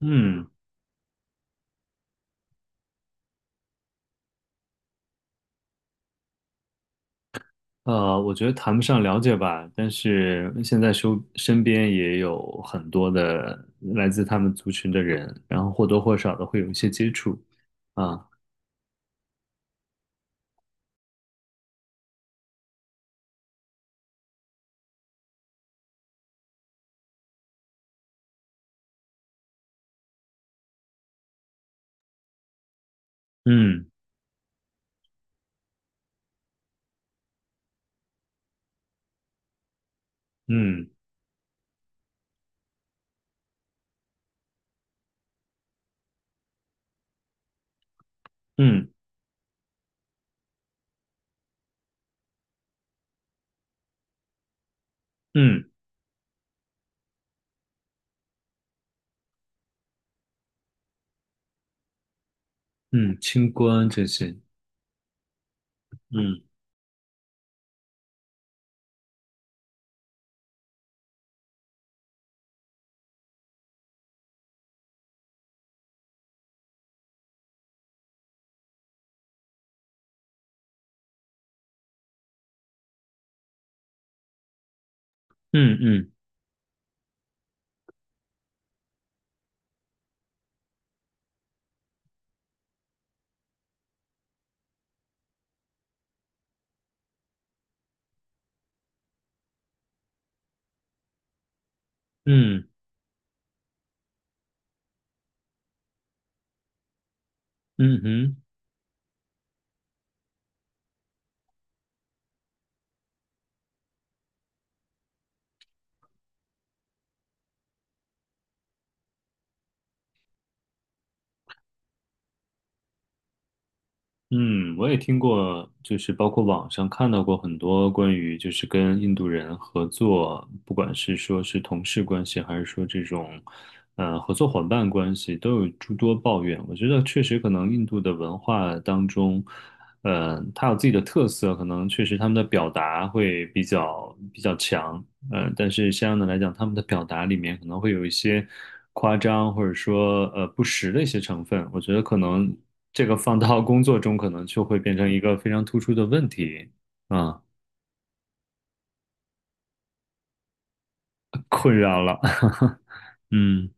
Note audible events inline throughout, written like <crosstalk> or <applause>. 嗯，我觉得谈不上了解吧，但是现在身边也有很多的来自他们族群的人，然后或多或少的会有一些接触啊，嗯嗯嗯嗯嗯，清官这些，嗯嗯嗯嗯嗯哼。嗯，我也听过，就是包括网上看到过很多关于就是跟印度人合作，不管是说是同事关系，还是说这种合作伙伴关系，都有诸多抱怨。我觉得确实可能印度的文化当中，它有自己的特色，可能确实他们的表达会比较强。但是相应的来讲，他们的表达里面可能会有一些夸张，或者说不实的一些成分。我觉得可能这个放到工作中，可能就会变成一个非常突出的问题啊，<laughs> 困扰了。<laughs> 嗯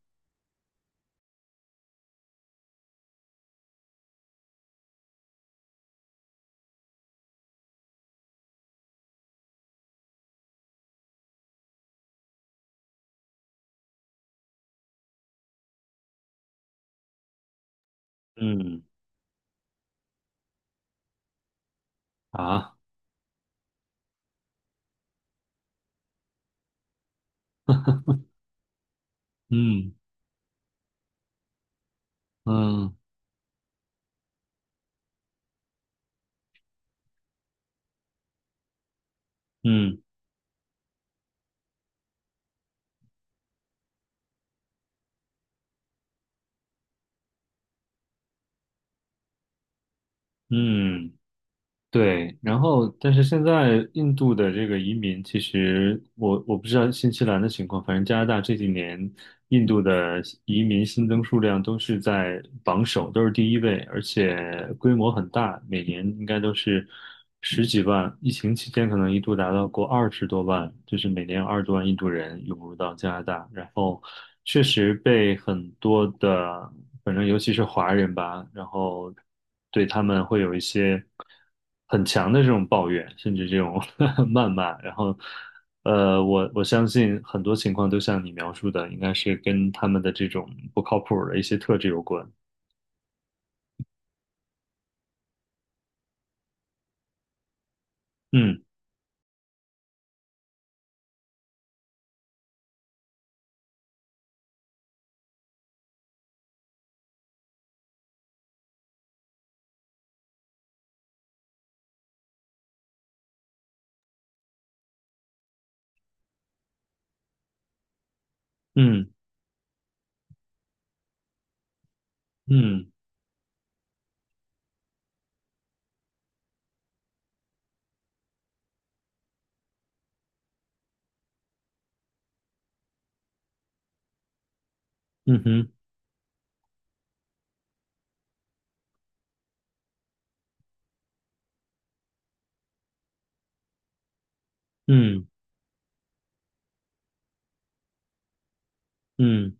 嗯啊嗯嗯嗯嗯。对，然后但是现在印度的这个移民，其实我不知道新西兰的情况，反正加拿大这几年印度的移民新增数量都是在榜首，都是第一位，而且规模很大，每年应该都是十几万，疫情期间可能一度达到过二十多万，就是每年有二十多万印度人涌入到加拿大，然后确实被很多的，反正尤其是华人吧，然后对他们会有一些。很强的这种抱怨，甚至这种 <laughs> 谩骂，然后，我相信很多情况都像你描述的，应该是跟他们的这种不靠谱的一些特质有关。嗯嗯嗯嗯哼嗯嗯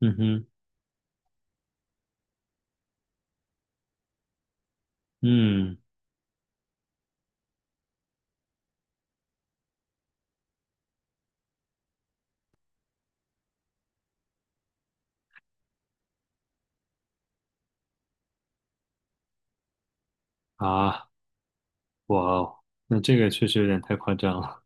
嗯哼嗯啊，哇哦，那这个确实有点太夸张了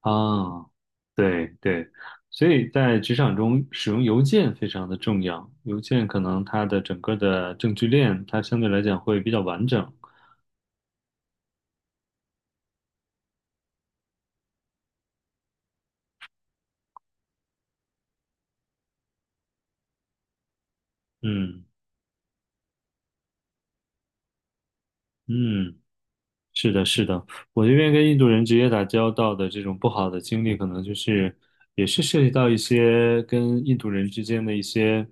啊！对对，所以在职场中使用邮件非常的重要，邮件可能它的整个的证据链它相对来讲会比较完整。嗯嗯，是的，是的，我这边跟印度人直接打交道的这种不好的经历，可能就是也是涉及到一些跟印度人之间的一些，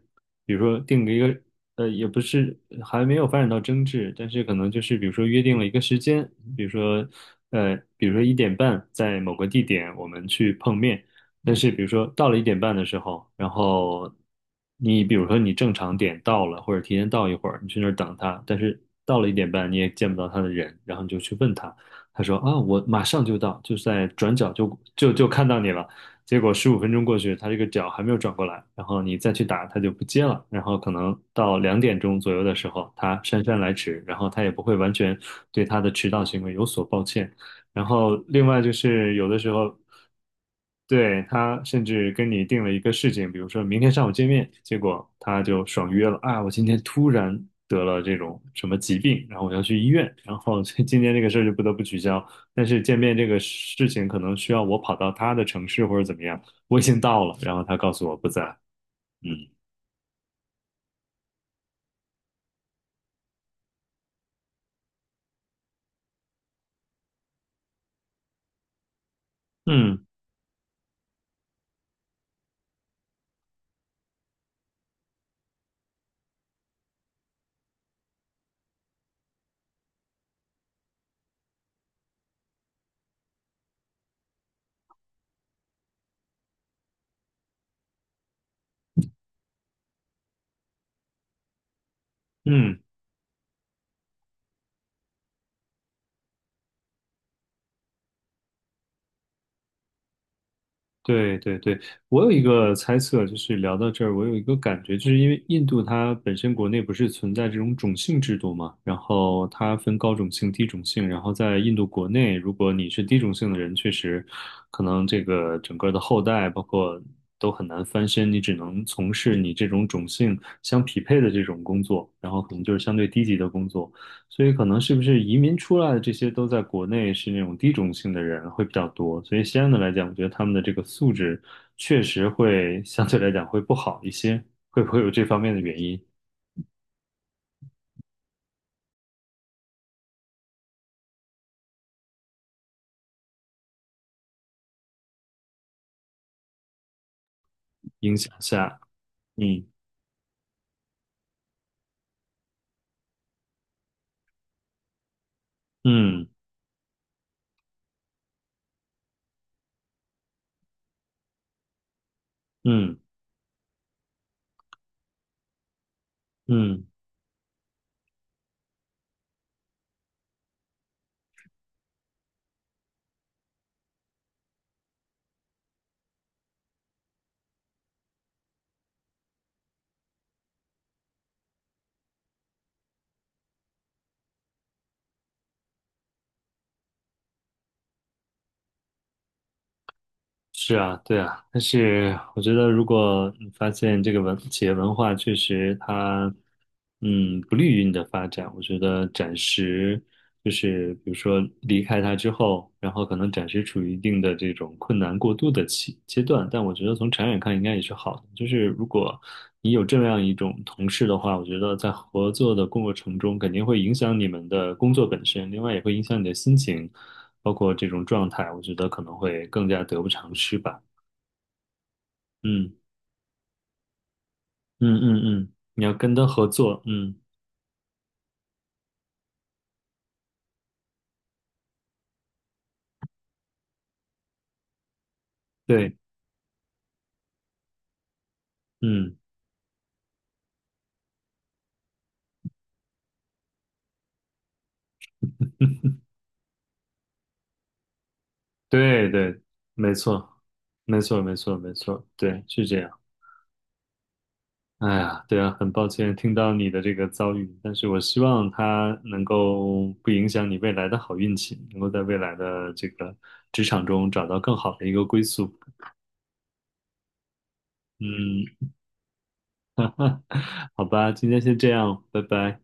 比如说定了一个，也不是还没有发展到争执，但是可能就是比如说约定了一个时间，比如说，比如说一点半在某个地点我们去碰面，但是比如说到了一点半的时候，然后你比如说你正常点到了，或者提前到一会儿，你去那儿等他，但是到了一点半你也见不到他的人，然后你就去问他，他说啊，我马上就到，就在转角就看到你了。结果15分钟过去，他这个脚还没有转过来，然后你再去打，他就不接了。然后可能到2点钟左右的时候，他姗姗来迟，然后他也不会完全对他的迟到行为有所抱歉。然后另外就是有的时候对，他甚至跟你定了一个事情，比如说明天上午见面，结果他就爽约了啊！我今天突然得了这种什么疾病，然后我要去医院，然后 <laughs> 这今天这个事儿就不得不取消。但是见面这个事情可能需要我跑到他的城市或者怎么样，我已经到了，然后他告诉我不在。嗯嗯嗯，对对对，我有一个猜测，就是聊到这儿，我有一个感觉，就是因为印度它本身国内不是存在这种种姓制度嘛，然后它分高种姓、低种姓，然后在印度国内，如果你是低种姓的人，确实可能这个整个的后代包括都很难翻身，你只能从事你这种种姓相匹配的这种工作，然后可能就是相对低级的工作。所以可能是不是移民出来的这些都在国内是那种低种姓的人会比较多，所以相对来讲，我觉得他们的这个素质确实会相对来讲会不好一些，会不会有这方面的原因影响下？嗯嗯嗯嗯是啊，对啊，但是我觉得，如果你发现这个文企业文化确实它，嗯，不利于你的发展，我觉得暂时就是比如说离开它之后，然后可能暂时处于一定的这种困难过渡的期阶段，但我觉得从长远看应该也是好的。就是如果你有这样一种同事的话，我觉得在合作的过程中肯定会影响你们的工作本身，另外也会影响你的心情。包括这种状态，我觉得可能会更加得不偿失吧。嗯嗯嗯嗯，你要跟他合作，嗯，对，嗯，对对，没错，没错，没错，没错，对，是这样。哎呀，对啊，很抱歉听到你的这个遭遇，但是我希望他能够不影响你未来的好运气，能够在未来的这个职场中找到更好的一个归宿。嗯，<laughs> 好吧，今天先这样，拜拜。